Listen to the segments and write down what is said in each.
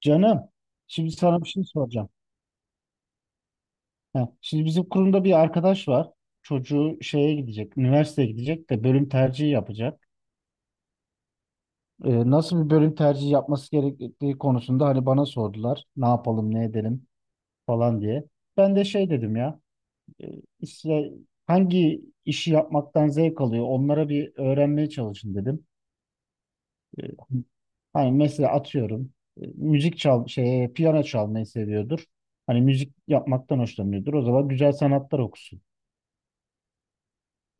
Canım, şimdi sana bir şey soracağım. Ha, şimdi bizim kurumda bir arkadaş var. Çocuğu şeye gidecek, üniversiteye gidecek de bölüm tercihi yapacak. Nasıl bir bölüm tercihi yapması gerektiği konusunda hani bana sordular. Ne yapalım, ne edelim falan diye. Ben de şey dedim ya, e, işte hangi işi yapmaktan zevk alıyor onlara bir öğrenmeye çalışın dedim. E, Hani mesela atıyorum e, müzik çal şey piyano çalmayı seviyordur. Hani müzik yapmaktan hoşlanıyordur. O zaman güzel sanatlar okusun.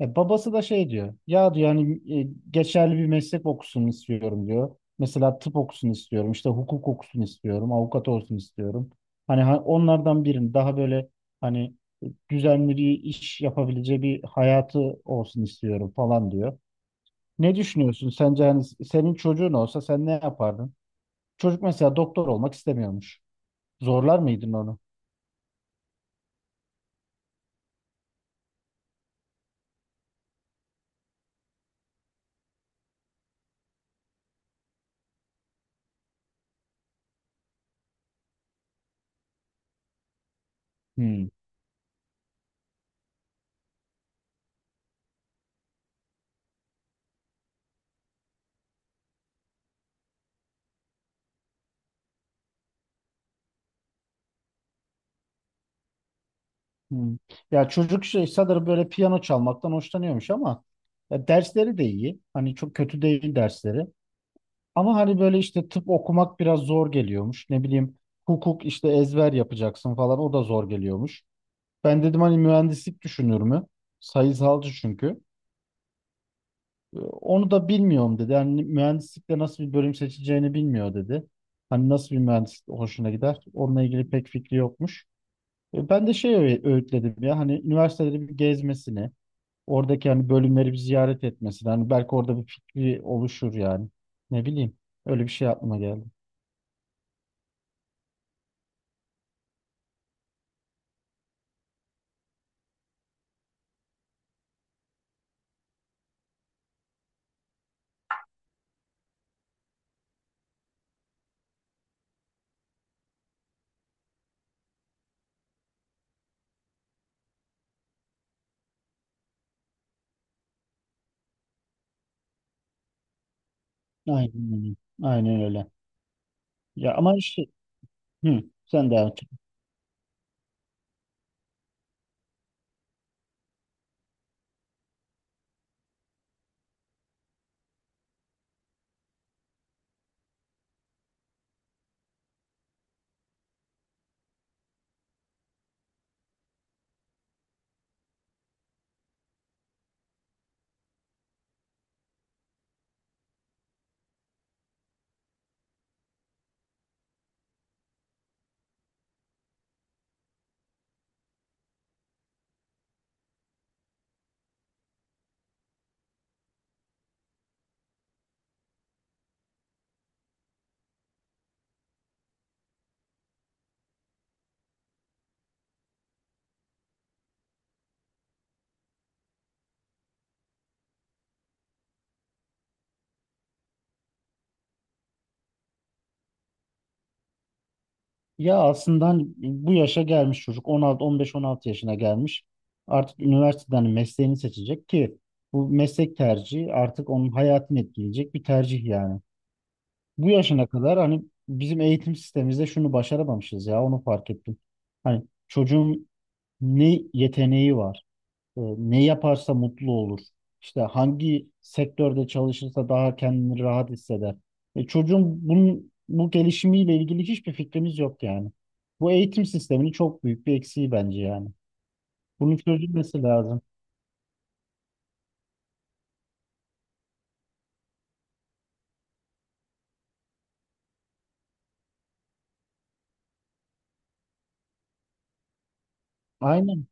Babası da şey diyor. Ya diyor hani geçerli bir meslek okusun istiyorum diyor. Mesela tıp okusun istiyorum. İşte hukuk okusun istiyorum. Avukat olsun istiyorum. Hani onlardan birini daha böyle hani e, düzenli bir iş yapabileceği bir hayatı olsun istiyorum falan diyor. Ne düşünüyorsun? Sence hani senin çocuğun olsa sen ne yapardın? Çocuk mesela doktor olmak istemiyormuş. Zorlar mıydın onu? Hmm. Hmm. Ya çocuk şey sanırım böyle piyano çalmaktan hoşlanıyormuş ama ya dersleri de iyi. Hani çok kötü değil dersleri. Ama hani böyle işte tıp okumak biraz zor geliyormuş. Ne bileyim, hukuk işte ezber yapacaksın falan, o da zor geliyormuş. Ben dedim hani mühendislik düşünür mü? Sayısalcı çünkü. Onu da bilmiyorum dedi. Yani mühendislikte nasıl bir bölüm seçeceğini bilmiyor dedi. Hani nasıl bir mühendislik hoşuna gider? Onunla ilgili pek fikri yokmuş. Ben de öğütledim ya hani üniversiteleri bir gezmesini, oradaki hani bölümleri bir ziyaret etmesini. Hani belki orada bir fikri oluşur yani. Ne bileyim. Öyle bir şey aklıma geldi. Aynen öyle. Aynen öyle. Ya ama işte hı, sen devam et. Ya aslında hani bu yaşa gelmiş çocuk 16 15-16 yaşına gelmiş. Artık üniversiteden mesleğini seçecek ki bu meslek tercihi artık onun hayatını etkileyecek bir tercih yani. Bu yaşına kadar hani bizim eğitim sistemimizde şunu başaramamışız ya, onu fark ettim. Hani çocuğun ne yeteneği var, ne yaparsa mutlu olur, işte hangi sektörde çalışırsa daha kendini rahat hisseder. Çocuğun bunun, bu gelişimiyle ilgili hiçbir fikrimiz yok yani. Bu eğitim sisteminin çok büyük bir eksiği bence yani. Bunun çözülmesi lazım. Aynen.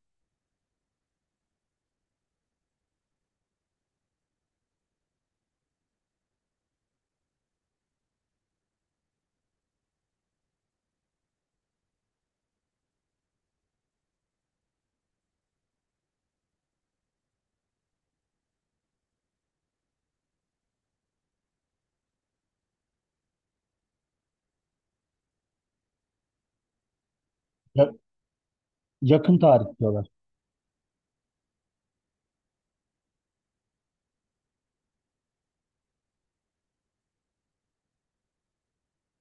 Ya- Yakın tarih diyorlar.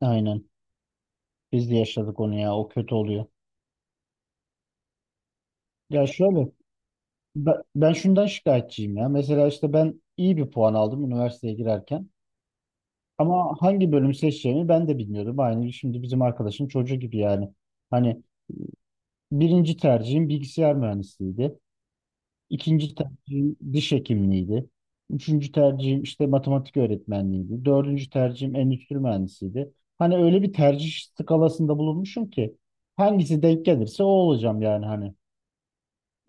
Aynen. Biz de yaşadık onu ya. O kötü oluyor. Ya şöyle. Ben şundan şikayetçiyim ya. Mesela işte ben iyi bir puan aldım üniversiteye girerken. Ama hangi bölüm seçeceğimi ben de bilmiyordum. Aynı şimdi bizim arkadaşın çocuğu gibi yani. Hani birinci tercihim bilgisayar mühendisliğiydi. İkinci tercihim diş hekimliğiydi. Üçüncü tercihim işte matematik öğretmenliğiydi. Dördüncü tercihim endüstri mühendisliğiydi. Hani öyle bir tercih skalasında bulunmuşum ki hangisi denk gelirse o olacağım yani hani.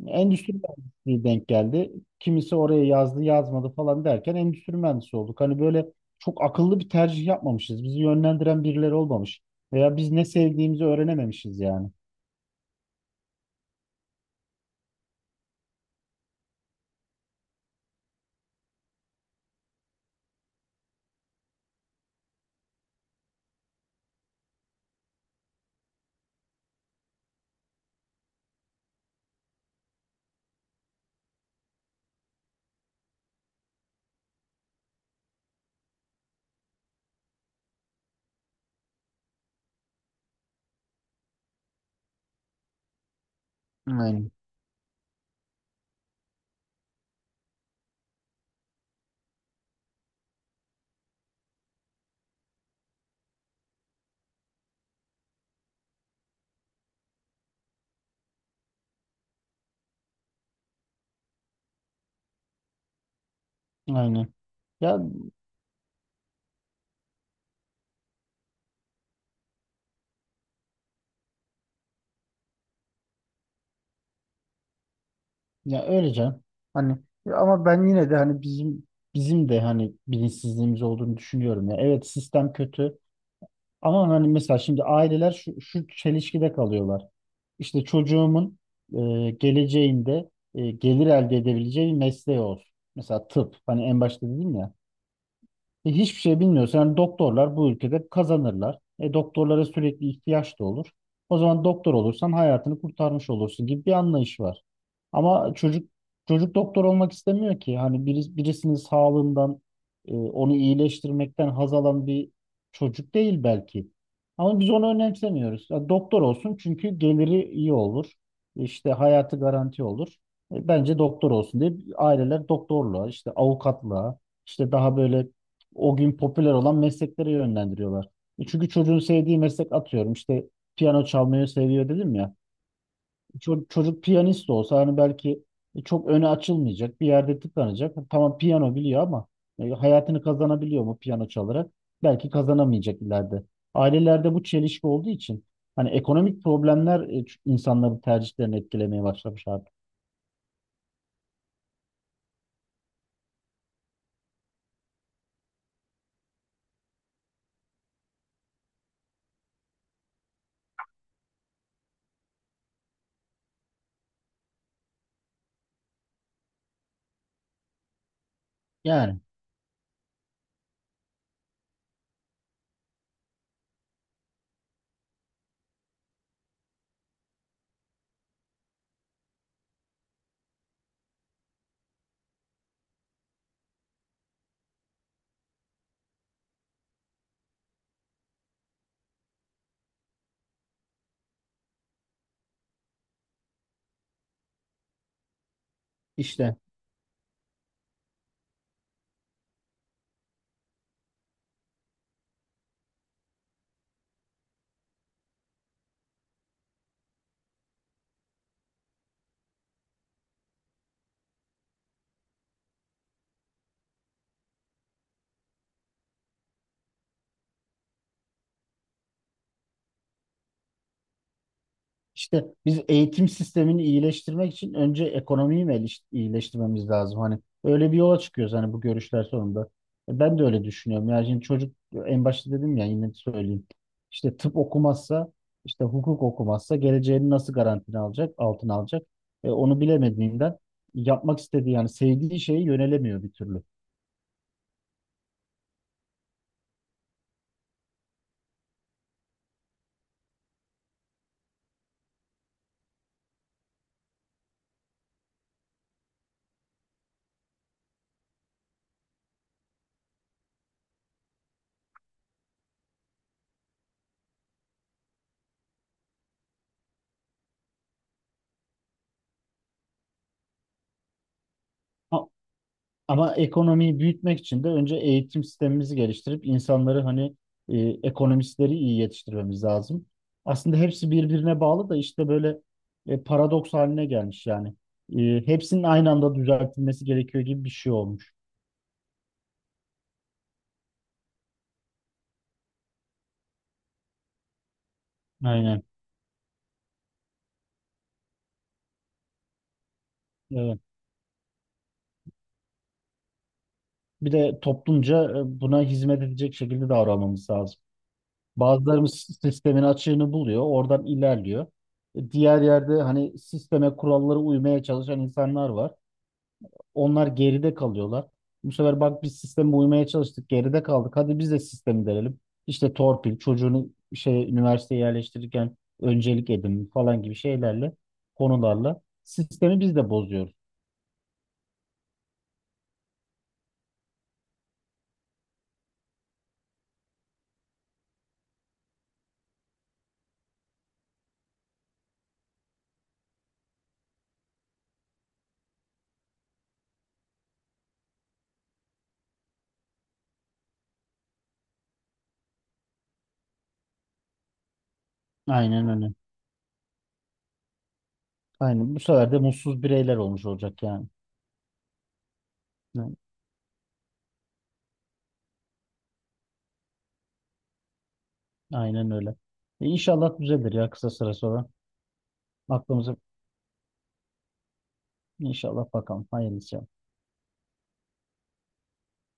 Endüstri mühendisliği denk geldi. Kimisi oraya yazdı, yazmadı falan derken endüstri mühendisi olduk. Hani böyle çok akıllı bir tercih yapmamışız. Bizi yönlendiren birileri olmamış. Veya biz ne sevdiğimizi öğrenememişiz yani. Aynen. Aynen. Ya ya öyle canım. Hani ya ama ben yine de hani bizim de hani bilinçsizliğimiz olduğunu düşünüyorum ya. Evet, sistem kötü. Ama hani mesela şimdi aileler şu, şu çelişkide kalıyorlar. İşte çocuğumun geleceğinde gelir elde edebileceği bir mesleği olsun. Mesela tıp. Hani en başta dedim ya. Hiçbir şey bilmiyorsun. Yani doktorlar bu ülkede kazanırlar. Doktorlara sürekli ihtiyaç da olur. O zaman doktor olursan hayatını kurtarmış olursun gibi bir anlayış var. Ama çocuk doktor olmak istemiyor ki. Hani birisinin sağlığından onu iyileştirmekten haz alan bir çocuk değil belki. Ama biz onu önemsemiyoruz. Ya doktor olsun çünkü geliri iyi olur. İşte hayatı garanti olur. Bence doktor olsun diye aileler doktorluğa, işte avukatlığa, işte daha böyle o gün popüler olan mesleklere yönlendiriyorlar. Çünkü çocuğun sevdiği meslek, atıyorum işte piyano çalmayı seviyor dedim ya. Çocuk piyanist olsa hani belki çok öne açılmayacak bir yerde tıkanacak. Tamam piyano biliyor ama hayatını kazanabiliyor mu piyano çalarak? Belki kazanamayacak ileride. Ailelerde bu çelişki olduğu için hani ekonomik problemler insanların tercihlerini etkilemeye başlamış artık. Yani işte. İşte biz eğitim sistemini iyileştirmek için önce ekonomiyi mi iyileştirmemiz lazım? Hani öyle bir yola çıkıyoruz hani bu görüşler sonunda. Ben de öyle düşünüyorum. Yani şimdi çocuk, en başta dedim ya, yine söyleyeyim. İşte tıp okumazsa, işte hukuk okumazsa geleceğini nasıl garantine alacak, altına alacak? Onu bilemediğinden yapmak istediği yani sevdiği şeye yönelemiyor bir türlü. Ha, ama ekonomiyi büyütmek için de önce eğitim sistemimizi geliştirip insanları hani e, ekonomistleri iyi yetiştirmemiz lazım. Aslında hepsi birbirine bağlı da işte böyle paradoks haline gelmiş yani. Hepsinin aynı anda düzeltilmesi gerekiyor gibi bir şey olmuş. Aynen. Evet. Bir de toplumca buna hizmet edecek şekilde davranmamız lazım. Bazılarımız sistemin açığını buluyor, oradan ilerliyor. Diğer yerde hani sisteme, kurallara uymaya çalışan insanlar var. Onlar geride kalıyorlar. Bu sefer bak biz sisteme uymaya çalıştık, geride kaldık. Hadi biz de sistemi denelim. İşte torpil, çocuğunu şey üniversiteye yerleştirirken öncelik edin falan gibi şeylerle, konularla sistemi biz de bozuyoruz. Aynen öyle. Aynen. Bu sefer de mutsuz bireyler olmuş olacak yani. Yani aynen öyle. İnşallah düzelir ya kısa süre sonra. Aklımıza inşallah bakalım. Hayırlısı.